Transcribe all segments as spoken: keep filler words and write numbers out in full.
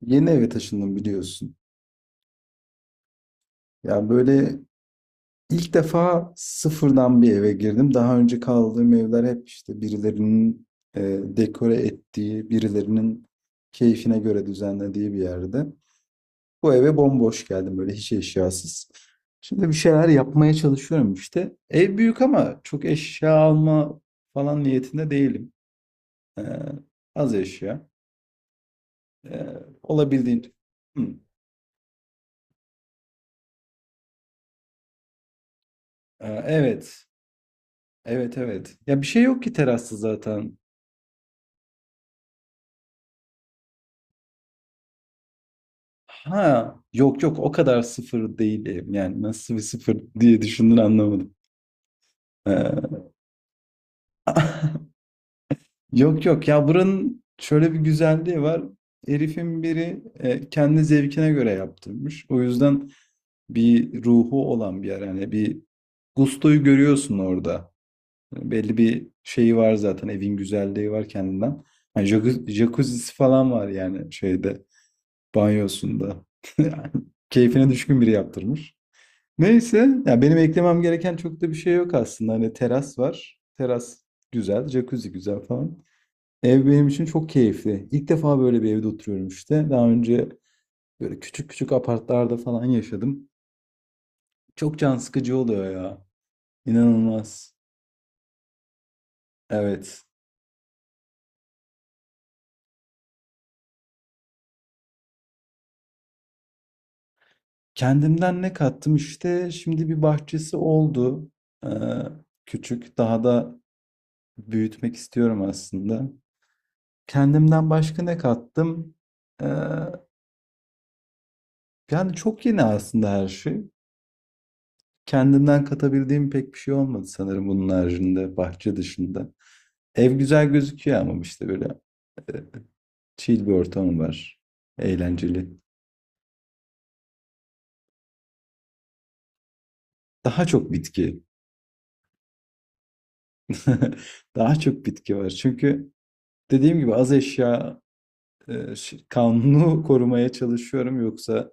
Yeni eve taşındım biliyorsun. Ya böyle ilk defa sıfırdan bir eve girdim. Daha önce kaldığım evler hep işte birilerinin e, dekore ettiği, birilerinin keyfine göre düzenlediği bir yerde. Bu eve bomboş geldim böyle hiç eşyasız. Şimdi bir şeyler yapmaya çalışıyorum işte. Ev büyük ama çok eşya alma falan niyetinde değilim. Ee, Az eşya. Ee, Olabildiğince. Hı, ee, evet. Evet evet. Ya bir şey yok ki terasta zaten. Ha yok yok o kadar sıfır değilim. Yani nasıl bir sıfır diye düşündün anlamadım. Ee, yok yok ya buranın şöyle bir güzelliği var. Herifin biri e, kendi zevkine göre yaptırmış. O yüzden bir ruhu olan bir yer. Yani bir gustoyu görüyorsun orada. Belli bir şeyi var zaten, evin güzelliği var kendinden. Yani jacuzzi jacuzzi falan var, yani şeyde, banyosunda. Yani keyfine düşkün biri yaptırmış. Neyse, ya benim eklemem gereken çok da bir şey yok aslında. Hani teras var. Teras güzel, jacuzzi güzel falan. Ev benim için çok keyifli. İlk defa böyle bir evde oturuyorum işte. Daha önce böyle küçük küçük apartlarda falan yaşadım. Çok can sıkıcı oluyor ya. İnanılmaz. Evet. Kendimden ne kattım işte. Şimdi bir bahçesi oldu. Ee, küçük. Daha da büyütmek istiyorum aslında. Kendimden başka ne kattım? Eee, yani çok yeni aslında her şey. Kendimden katabildiğim pek bir şey olmadı sanırım, bunun haricinde, bahçe dışında. Ev güzel gözüküyor ama işte böyle e, chill bir ortam var. Eğlenceli. Daha çok bitki. Daha çok bitki var. Çünkü dediğim gibi az eşya e, ş- kanunu korumaya çalışıyorum. Yoksa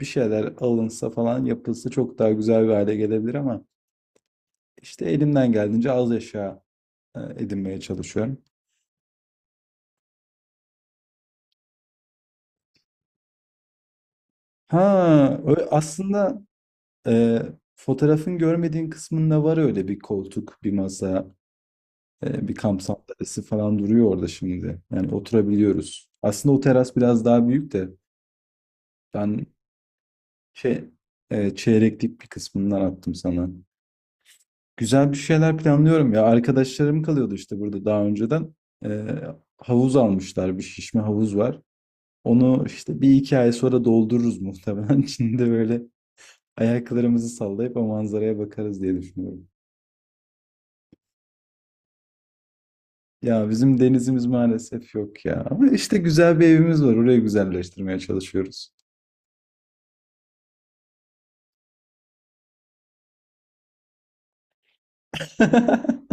bir şeyler alınsa falan yapılsa çok daha güzel bir hale gelebilir ama işte elimden geldiğince az eşya e, edinmeye çalışıyorum. Ha, ö- aslında e, fotoğrafın görmediğin kısmında var öyle bir koltuk, bir masa, e, bir kamp sandalyesi falan duruyor orada şimdi. Yani oturabiliyoruz. Aslında o teras biraz daha büyük de ben şey e, çeyreklik bir kısmından attım sana. Güzel bir şeyler planlıyorum ya. Arkadaşlarım kalıyordu işte burada daha önceden. E, havuz almışlar, bir şişme havuz var. Onu işte bir iki ay sonra doldururuz muhtemelen. Şimdi böyle ayaklarımızı sallayıp o manzaraya bakarız diye düşünüyorum. Ya bizim denizimiz maalesef yok ya. Ama işte güzel bir evimiz var. Orayı güzelleştirmeye çalışıyoruz.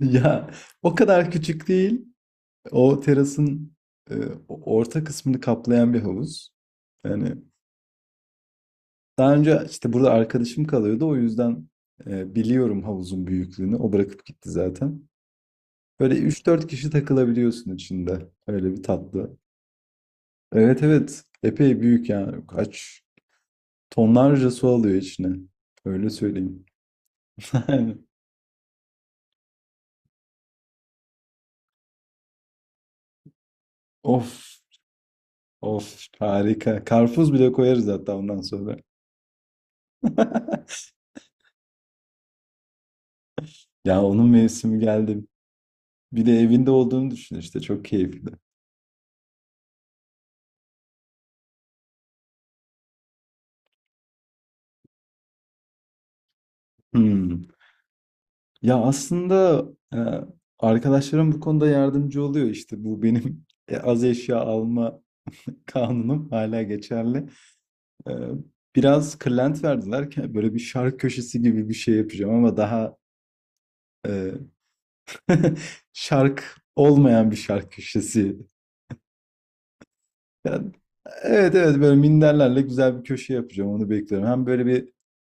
Ya o kadar küçük değil. O terasın e, o- orta kısmını kaplayan bir havuz. Yani daha önce işte burada arkadaşım kalıyordu. O yüzden e, biliyorum havuzun büyüklüğünü. O bırakıp gitti zaten. Böyle üç dört kişi takılabiliyorsun içinde. Öyle bir tatlı. Evet evet. Epey büyük yani. Kaç tonlarca su alıyor içine. Öyle söyleyeyim. Of, of harika. Karpuz bile koyarız hatta ondan sonra. Ya onun mevsimi geldi. Bir de evinde olduğunu düşün işte, çok keyifli. Hmm. Ya aslında e, arkadaşlarım bu konuda yardımcı oluyor işte, bu benim e, az eşya alma kanunum hala geçerli. E, biraz kırlent verdiler ki böyle bir şark köşesi gibi bir şey yapacağım ama daha e, şark olmayan bir şark köşesi. Yani, evet evet böyle minderlerle güzel bir köşe yapacağım, onu bekliyorum. Hem böyle bir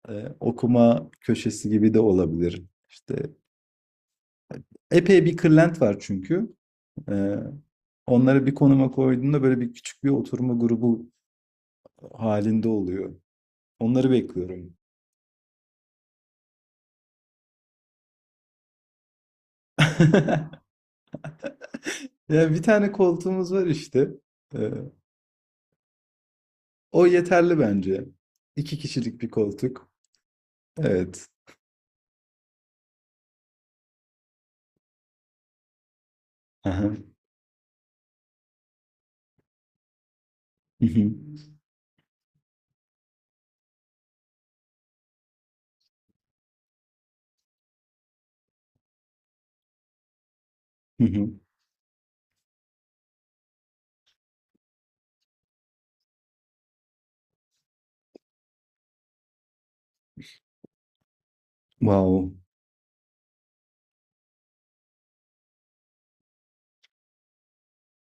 e, okuma köşesi gibi de olabilir. İşte epey bir kırlent var çünkü. E, onları bir konuma koyduğunda böyle bir küçük bir oturma grubu halinde oluyor. Onları bekliyorum. Ya bir tane koltuğumuz var işte. E, o yeterli bence. İki kişilik bir koltuk. Evet. Aha. Wow.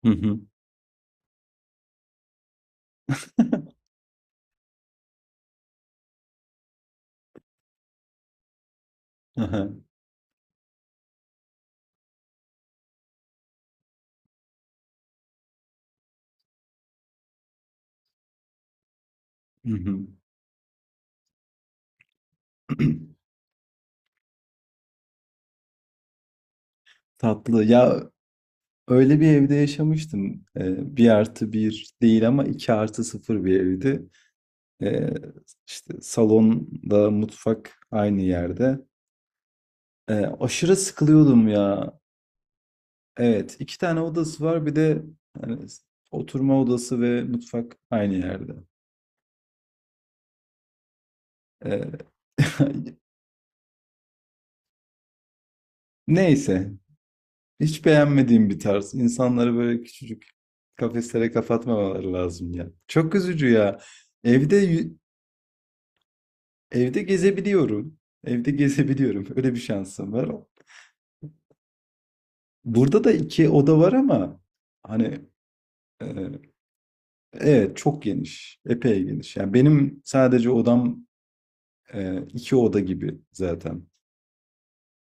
Hı hı. Hı. Hı hı. Tatlı. Ya öyle bir evde yaşamıştım. Ee, bir artı bir değil ama iki artı sıfır bir evdi. Ee, işte salonda mutfak aynı yerde. Ee, aşırı sıkılıyordum ya. Evet, iki tane odası var. Bir de hani, oturma odası ve mutfak aynı yerde. Ee, neyse, hiç beğenmediğim bir tarz. İnsanları böyle küçücük kafeslere kapatmamaları lazım ya. Çok üzücü ya. Evde yü- evde gezebiliyorum. Evde gezebiliyorum. Öyle bir şansım var. Burada da iki oda var ama hani e, evet çok geniş. Epey geniş. Yani benim sadece odam e, iki oda gibi zaten.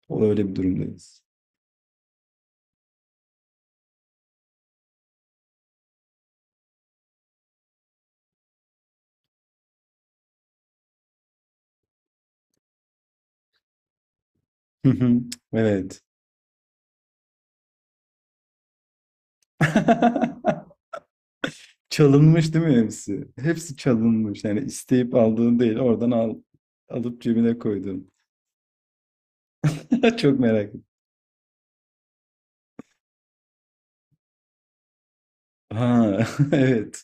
O öyle bir durumdayız. Evet. Çalınmış değil mi hepsi? Hepsi çalınmış. Yani isteyip aldığın değil, oradan al, alıp cebine koydun. Çok merak ettim. Ha, evet.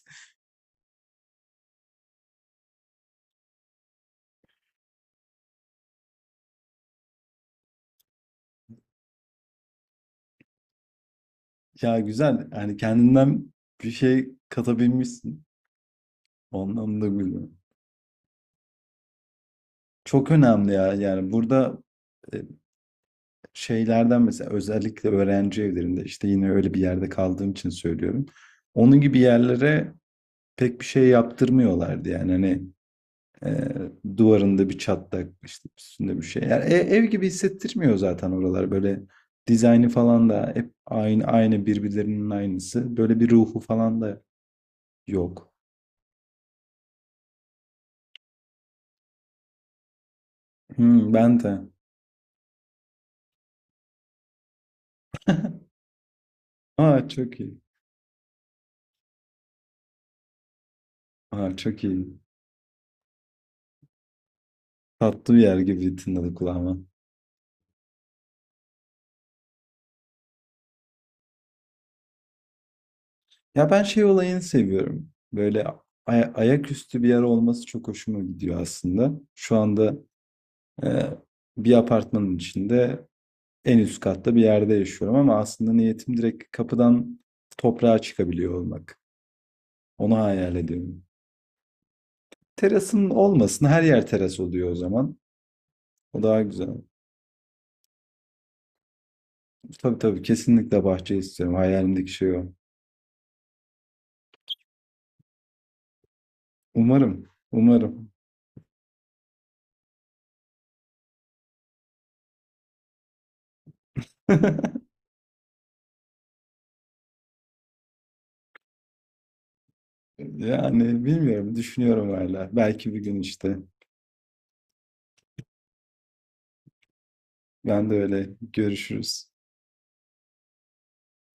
Ya güzel. Yani kendinden bir şey katabilmişsin. O anlamda güzel. Çok önemli ya. Yani burada e, şeylerden, mesela özellikle öğrenci evlerinde, işte yine öyle bir yerde kaldığım için söylüyorum. Onun gibi yerlere pek bir şey yaptırmıyorlardı yani hani Ee, duvarında bir çatlak, işte üstünde bir şey. Yani e- ev gibi hissettirmiyor zaten oralar, böyle dizaynı falan da hep aynı aynı, birbirlerinin aynısı. Böyle bir ruhu falan da yok. Hmm, ben de. Aa çok iyi. Aa çok iyi. Tatlı bir yer gibi tınladı kulağıma. Ya ben şey olayını seviyorum. Böyle ay- ayaküstü bir yer olması çok hoşuma gidiyor aslında. Şu anda e, bir apartmanın içinde en üst katta bir yerde yaşıyorum, ama aslında niyetim direkt kapıdan toprağa çıkabiliyor olmak. Onu hayal ediyorum. Terasın olmasın, her yer teras oluyor o zaman. O daha güzel. Tabii tabii kesinlikle bahçe istiyorum. Hayalimdeki şey o. Umarım, umarım. Yani bilmiyorum, düşünüyorum hala. Belki bir gün işte. Ben de öyle, görüşürüz.